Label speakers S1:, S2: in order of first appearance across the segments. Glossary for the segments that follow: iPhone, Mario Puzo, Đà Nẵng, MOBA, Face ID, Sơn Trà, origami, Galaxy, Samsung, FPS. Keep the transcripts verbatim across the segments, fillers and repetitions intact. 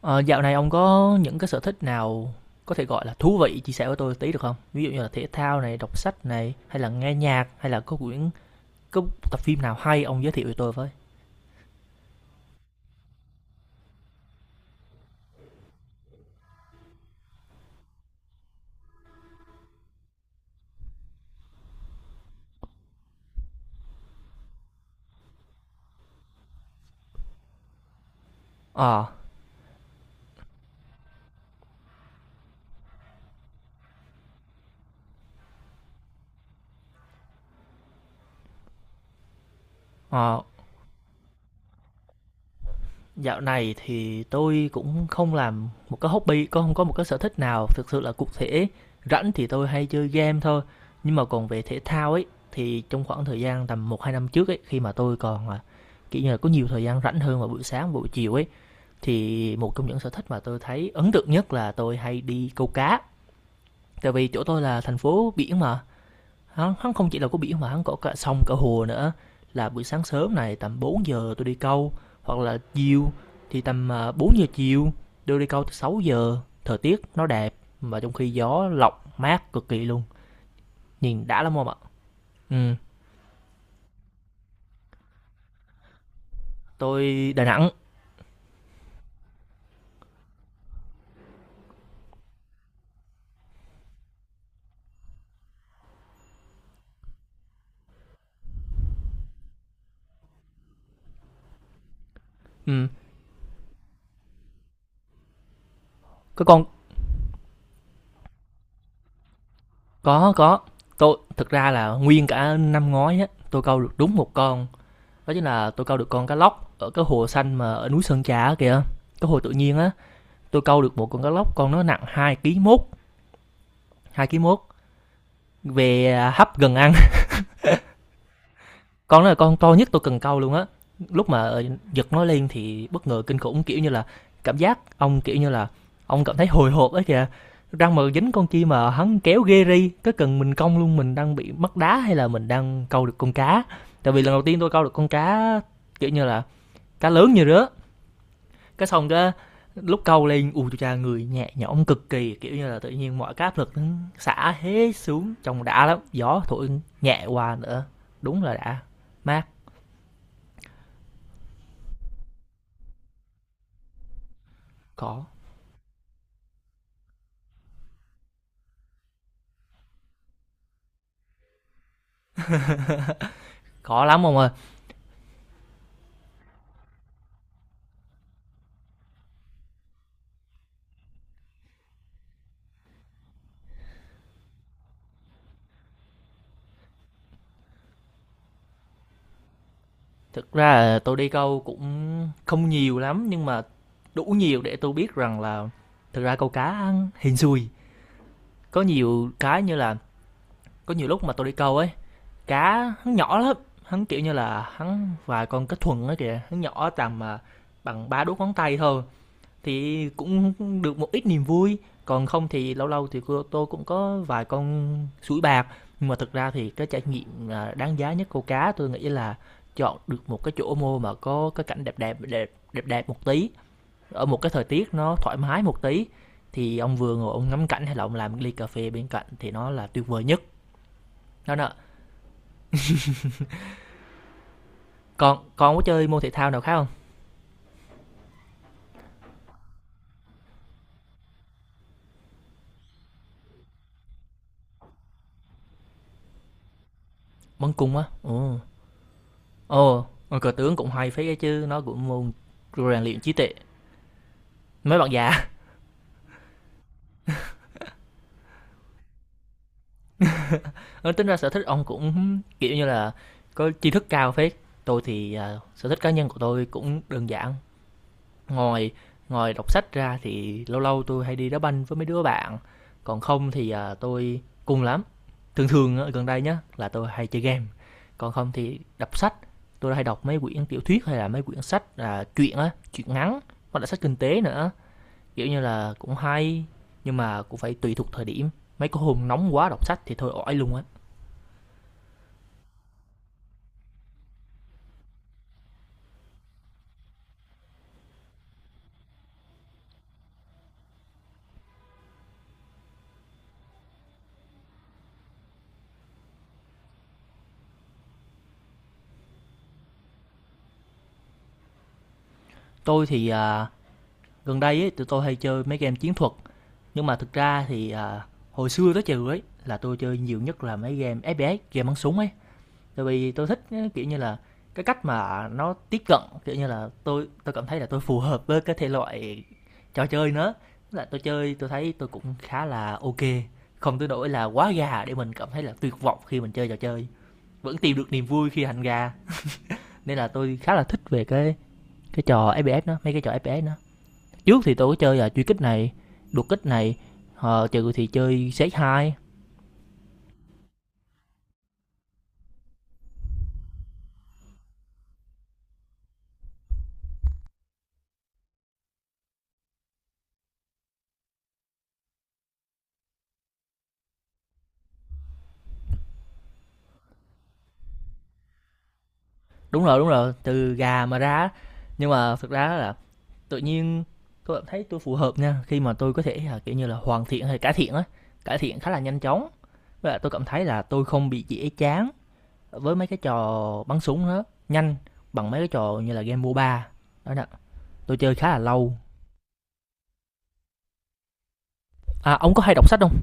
S1: Ờ, Dạo này ông có những cái sở thích nào có thể gọi là thú vị chia sẻ với tôi tí được không? Ví dụ như là thể thao này, đọc sách này, hay là nghe nhạc, hay là có quyển có tập phim nào hay ông giới thiệu với tôi với. Ờ, ờ, Dạo này thì tôi cũng không làm một cái hobby, có không có một cái sở thích nào thực sự là cụ thể. Rảnh thì tôi hay chơi game thôi. Nhưng mà còn về thể thao ấy thì trong khoảng thời gian tầm một hai năm trước ấy khi mà tôi còn à, kiểu như là có nhiều thời gian rảnh hơn vào buổi sáng buổi chiều ấy. Thì một trong những sở thích mà tôi thấy ấn tượng nhất là tôi hay đi câu cá, tại vì chỗ tôi là thành phố biển mà, hắn không chỉ là có biển mà hắn có cả sông, cả hồ nữa. Là buổi sáng sớm này tầm bốn giờ tôi đi câu, hoặc là chiều thì tầm, à, bốn giờ chiều, tôi đi câu tới sáu giờ. Thời tiết nó đẹp mà trong khi gió lọc mát cực kỳ luôn, nhìn đã lắm ông ạ. Ừm, tôi Đà Nẵng, ừm, cái con có, có, tôi thực ra là nguyên cả năm ngoái á, tôi câu được đúng một con, đó chính là tôi câu được con cá lóc ở cái hồ xanh mà ở núi Sơn Trà kìa, cái hồ tự nhiên á, tôi câu được một con cá lóc con, nó nặng hai ký mốt. Hai ký mốt về hấp gần ăn. Con đó là con to nhất tôi cần câu luôn á. Lúc mà giật nó lên thì bất ngờ kinh khủng, kiểu như là cảm giác ông kiểu như là ông cảm thấy hồi hộp ấy kìa, răng mà dính con chi mà hắn kéo ghê ri, cái cần mình cong luôn, mình đang bị mất đá hay là mình đang câu được con cá. Tại vì lần đầu tiên tôi câu được con cá kiểu như là cá lớn như rứa, cái xong cái lúc câu lên u chú cha người nhẹ nhõm cực kỳ, kiểu như là tự nhiên mọi cái áp lực nó xả hết xuống, trông đã lắm, gió thổi nhẹ qua nữa, đúng là đã, mát. Khó, khó lắm ông ơi. Thực ra là tôi đi câu cũng không nhiều lắm nhưng mà đủ nhiều để tôi biết rằng là thực ra câu cá hên xui. Có nhiều cái như là có nhiều lúc mà tôi đi câu ấy, cá hắn nhỏ lắm, hắn kiểu như là hắn vài con cá thuần ấy kìa, hắn nhỏ tầm à, bằng ba đốt ngón tay thôi. Thì cũng được một ít niềm vui, còn không thì lâu lâu thì tôi cũng có vài con sủi bạc. Nhưng mà thực ra thì cái trải nghiệm, à, đáng giá nhất câu cá tôi nghĩ là chọn được một cái chỗ mua mà có cái cảnh đẹp đẹp đẹp đẹp đẹp một tí, ở một cái thời tiết nó thoải mái một tí, thì ông vừa ngồi ông ngắm cảnh hay là ông làm một ly cà phê bên cạnh thì nó là tuyệt vời nhất. Đó nè, còn còn có chơi môn thể thao nào khác không? Bắn cung á? Ồ, ồ, ờ, cờ tướng cũng hay phết ấy chứ, nó cũng môn rèn luyện trí tuệ. Mấy bạn già. Nói tính ra sở thích ông cũng kiểu như là có tri thức cao phết. Tôi thì à, sở thích cá nhân của tôi cũng đơn giản. Ngoài ngoài đọc sách ra thì lâu lâu tôi hay đi đá banh với mấy đứa bạn. Còn không thì à, tôi cùng lắm. Thường thường ở gần đây nhá là tôi hay chơi game. Còn không thì đọc sách. Tôi hay đọc mấy quyển tiểu thuyết hay là mấy quyển sách à, truyện á, truyện ngắn hoặc là sách kinh tế nữa. Kiểu như là cũng hay nhưng mà cũng phải tùy thuộc thời điểm. Mấy cái hôm nóng quá đọc sách thì thôi ỏi luôn á. Tôi thì à, gần đây ấy, tụi tôi hay chơi mấy game chiến thuật nhưng mà thực ra thì à, hồi xưa tới trừ ấy là tôi chơi nhiều nhất là mấy game ép pê ét, game bắn súng ấy. Tại vì tôi thích á, kiểu như là cái cách mà nó tiếp cận kiểu như là tôi tôi cảm thấy là tôi phù hợp với cái thể loại trò chơi nữa. Tức là tôi chơi tôi thấy tôi cũng khá là ok, không tới nỗi là quá gà để mình cảm thấy là tuyệt vọng khi mình chơi trò chơi. Vẫn tìm được niềm vui khi hành gà nên là tôi khá là thích về cái cái trò ép pê ét đó, mấy cái trò ép pi ét đó. Trước thì tôi có chơi là truy kích này, đột kích này, ờ, trừ thì chơi xếp hai. Đúng rồi, đúng rồi, từ gà mà ra. Nhưng mà thực ra là tự nhiên tôi cảm thấy tôi phù hợp nha khi mà tôi có thể là kiểu như là hoàn thiện hay cải thiện á cải thiện khá là nhanh chóng. Với lại tôi cảm thấy là tôi không bị dễ chán với mấy cái trò bắn súng đó nhanh bằng mấy cái trò như là game mô ba đó nè, tôi chơi khá là lâu. À, ông có hay đọc sách không?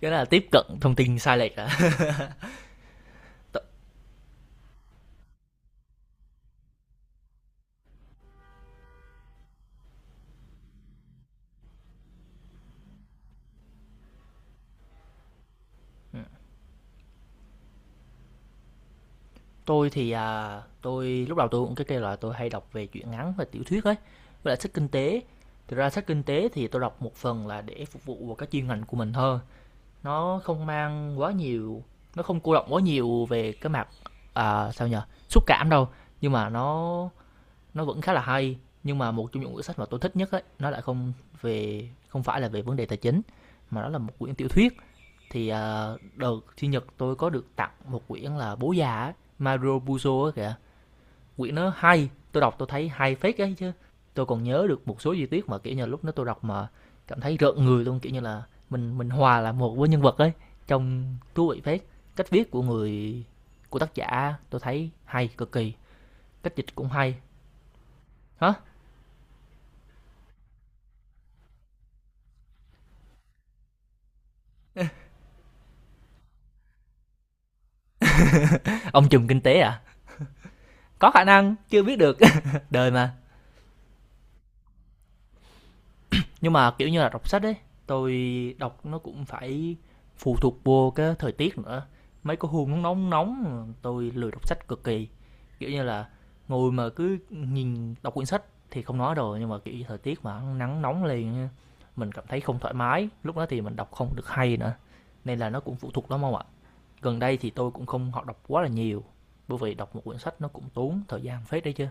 S1: Cái đó là tiếp cận thông tin sai lệch à. Tôi thì, à, tôi lúc đầu tôi cũng cái kêu là tôi hay đọc về truyện ngắn và tiểu thuyết ấy, với lại sách kinh tế. Thực ra sách kinh tế thì tôi đọc một phần là để phục vụ vào cái chuyên ngành của mình hơn. Nó không mang quá nhiều, nó không cô động quá nhiều về cái mặt à, sao nhờ, xúc cảm đâu, nhưng mà nó nó vẫn khá là hay. Nhưng mà một trong những quyển sách mà tôi thích nhất ấy, nó lại không về không phải là về vấn đề tài chính mà nó là một quyển tiểu thuyết. Thì ờ, đợt sinh nhật tôi có được tặng một quyển là Bố Già, Mario Puzo á kìa, quyển nó hay, tôi đọc tôi thấy hay phết ấy chứ. Tôi còn nhớ được một số chi tiết mà kiểu như lúc đó tôi đọc mà cảm thấy rợn người luôn, kiểu như là mình mình hòa là một với nhân vật ấy, trong thú vị phết. Cách viết của người của tác giả tôi thấy hay cực kỳ, cách dịch cũng hay. Hả? Ông trùm kinh tế à, có khả năng chưa biết được. Đời mà. Nhưng mà, kiểu như là, đọc sách ấy, tôi đọc nó cũng phải phụ thuộc vô cái thời tiết nữa. Mấy cái hôm nó nóng nóng, tôi lười đọc sách cực kỳ. Kiểu như là, ngồi mà cứ nhìn đọc quyển sách thì không nói rồi, nhưng mà, kiểu thời tiết mà nắng nóng liền mình cảm thấy không thoải mái, lúc đó thì mình đọc không được hay nữa. Nên là nó cũng phụ thuộc lắm ông ạ. Gần đây thì tôi cũng không học đọc quá là nhiều, bởi vì đọc một quyển sách nó cũng tốn thời gian phết đấy chứ.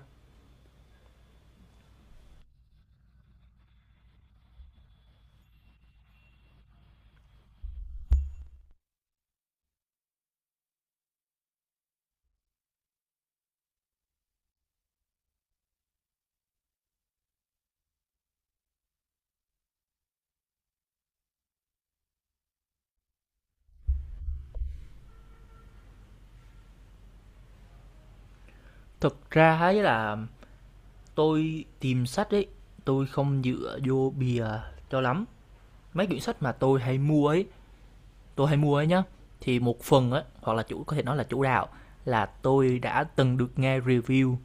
S1: Thực ra ấy là tôi tìm sách ấy, tôi không dựa vô bìa cho lắm. Mấy quyển sách mà tôi hay mua ấy, tôi hay mua ấy nhá, thì một phần ấy hoặc là chủ có thể nói là chủ đạo là tôi đã từng được nghe review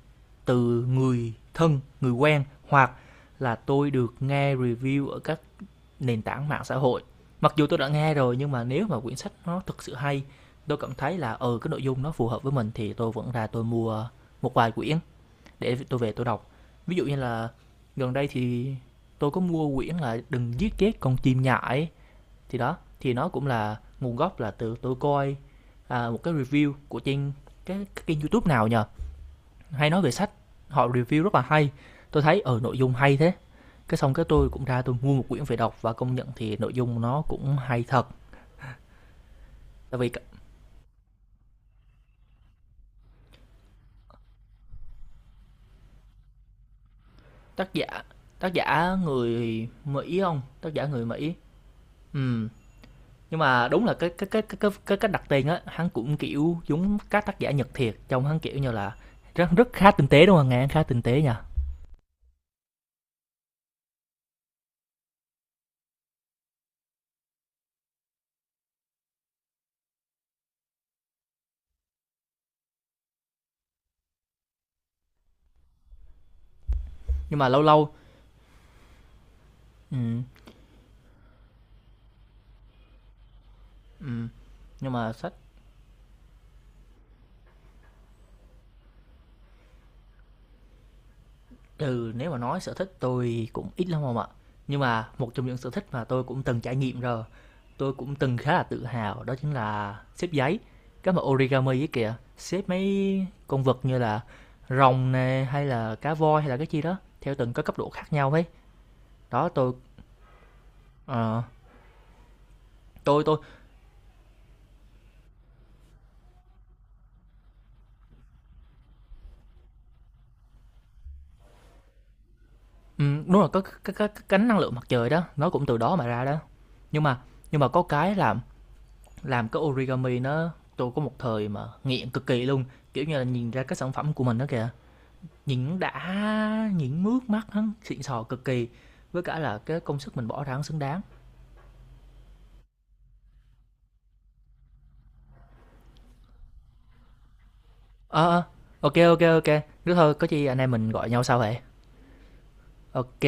S1: từ người thân, người quen hoặc là tôi được nghe review ở các nền tảng mạng xã hội. Mặc dù tôi đã nghe rồi nhưng mà nếu mà quyển sách nó thực sự hay, tôi cảm thấy là ừ cái nội dung nó phù hợp với mình thì tôi vẫn ra tôi mua một vài quyển để tôi về tôi đọc. Ví dụ như là gần đây thì tôi có mua quyển là Đừng Giết Chết Con Chim Nhại, thì đó thì nó cũng là nguồn gốc là từ tôi coi à, một cái review của trên cái, cái kênh youtube nào nhờ hay nói về sách, họ review rất là hay, tôi thấy ở nội dung hay thế, cái xong cái tôi cũng ra tôi mua một quyển về đọc và công nhận thì nội dung nó cũng hay thật. Tại vì tác giả tác giả người Mỹ không, tác giả người Mỹ. Ừ, nhưng mà đúng là cái cái cái cái cái cái cách đặt tên á hắn cũng kiểu giống các tác giả Nhật thiệt, trông hắn kiểu như là rất rất khá tinh tế đúng không, nghe khá tinh tế nha. Nhưng mà lâu lâu, ừ, ừ, nhưng mà sách từ nếu mà nói sở thích tôi cũng ít lắm không ạ, nhưng mà một trong những sở thích mà tôi cũng từng trải nghiệm rồi, tôi cũng từng khá là tự hào đó chính là xếp giấy, cái mà origami ấy kìa, xếp mấy con vật như là rồng nè hay là cá voi hay là cái chi đó theo từng cái cấp độ khác nhau ấy. Đó tôi, ờ, Tôi tôi, ừm, đúng là có cái cái cái cánh năng lượng mặt trời đó, nó cũng từ đó mà ra đó. Nhưng mà nhưng mà có cái làm làm cái origami nó tôi có một thời mà nghiện cực kỳ luôn, kiểu như là nhìn ra cái sản phẩm của mình đó kìa, nhìn đã, nhìn mướt mắt hắn xịn sò cực kỳ, với cả là cái công sức mình bỏ ra hắn xứng đáng. Ờ ờ, ok ok ok, nếu thôi có chi anh em mình gọi nhau sau vậy. Ok.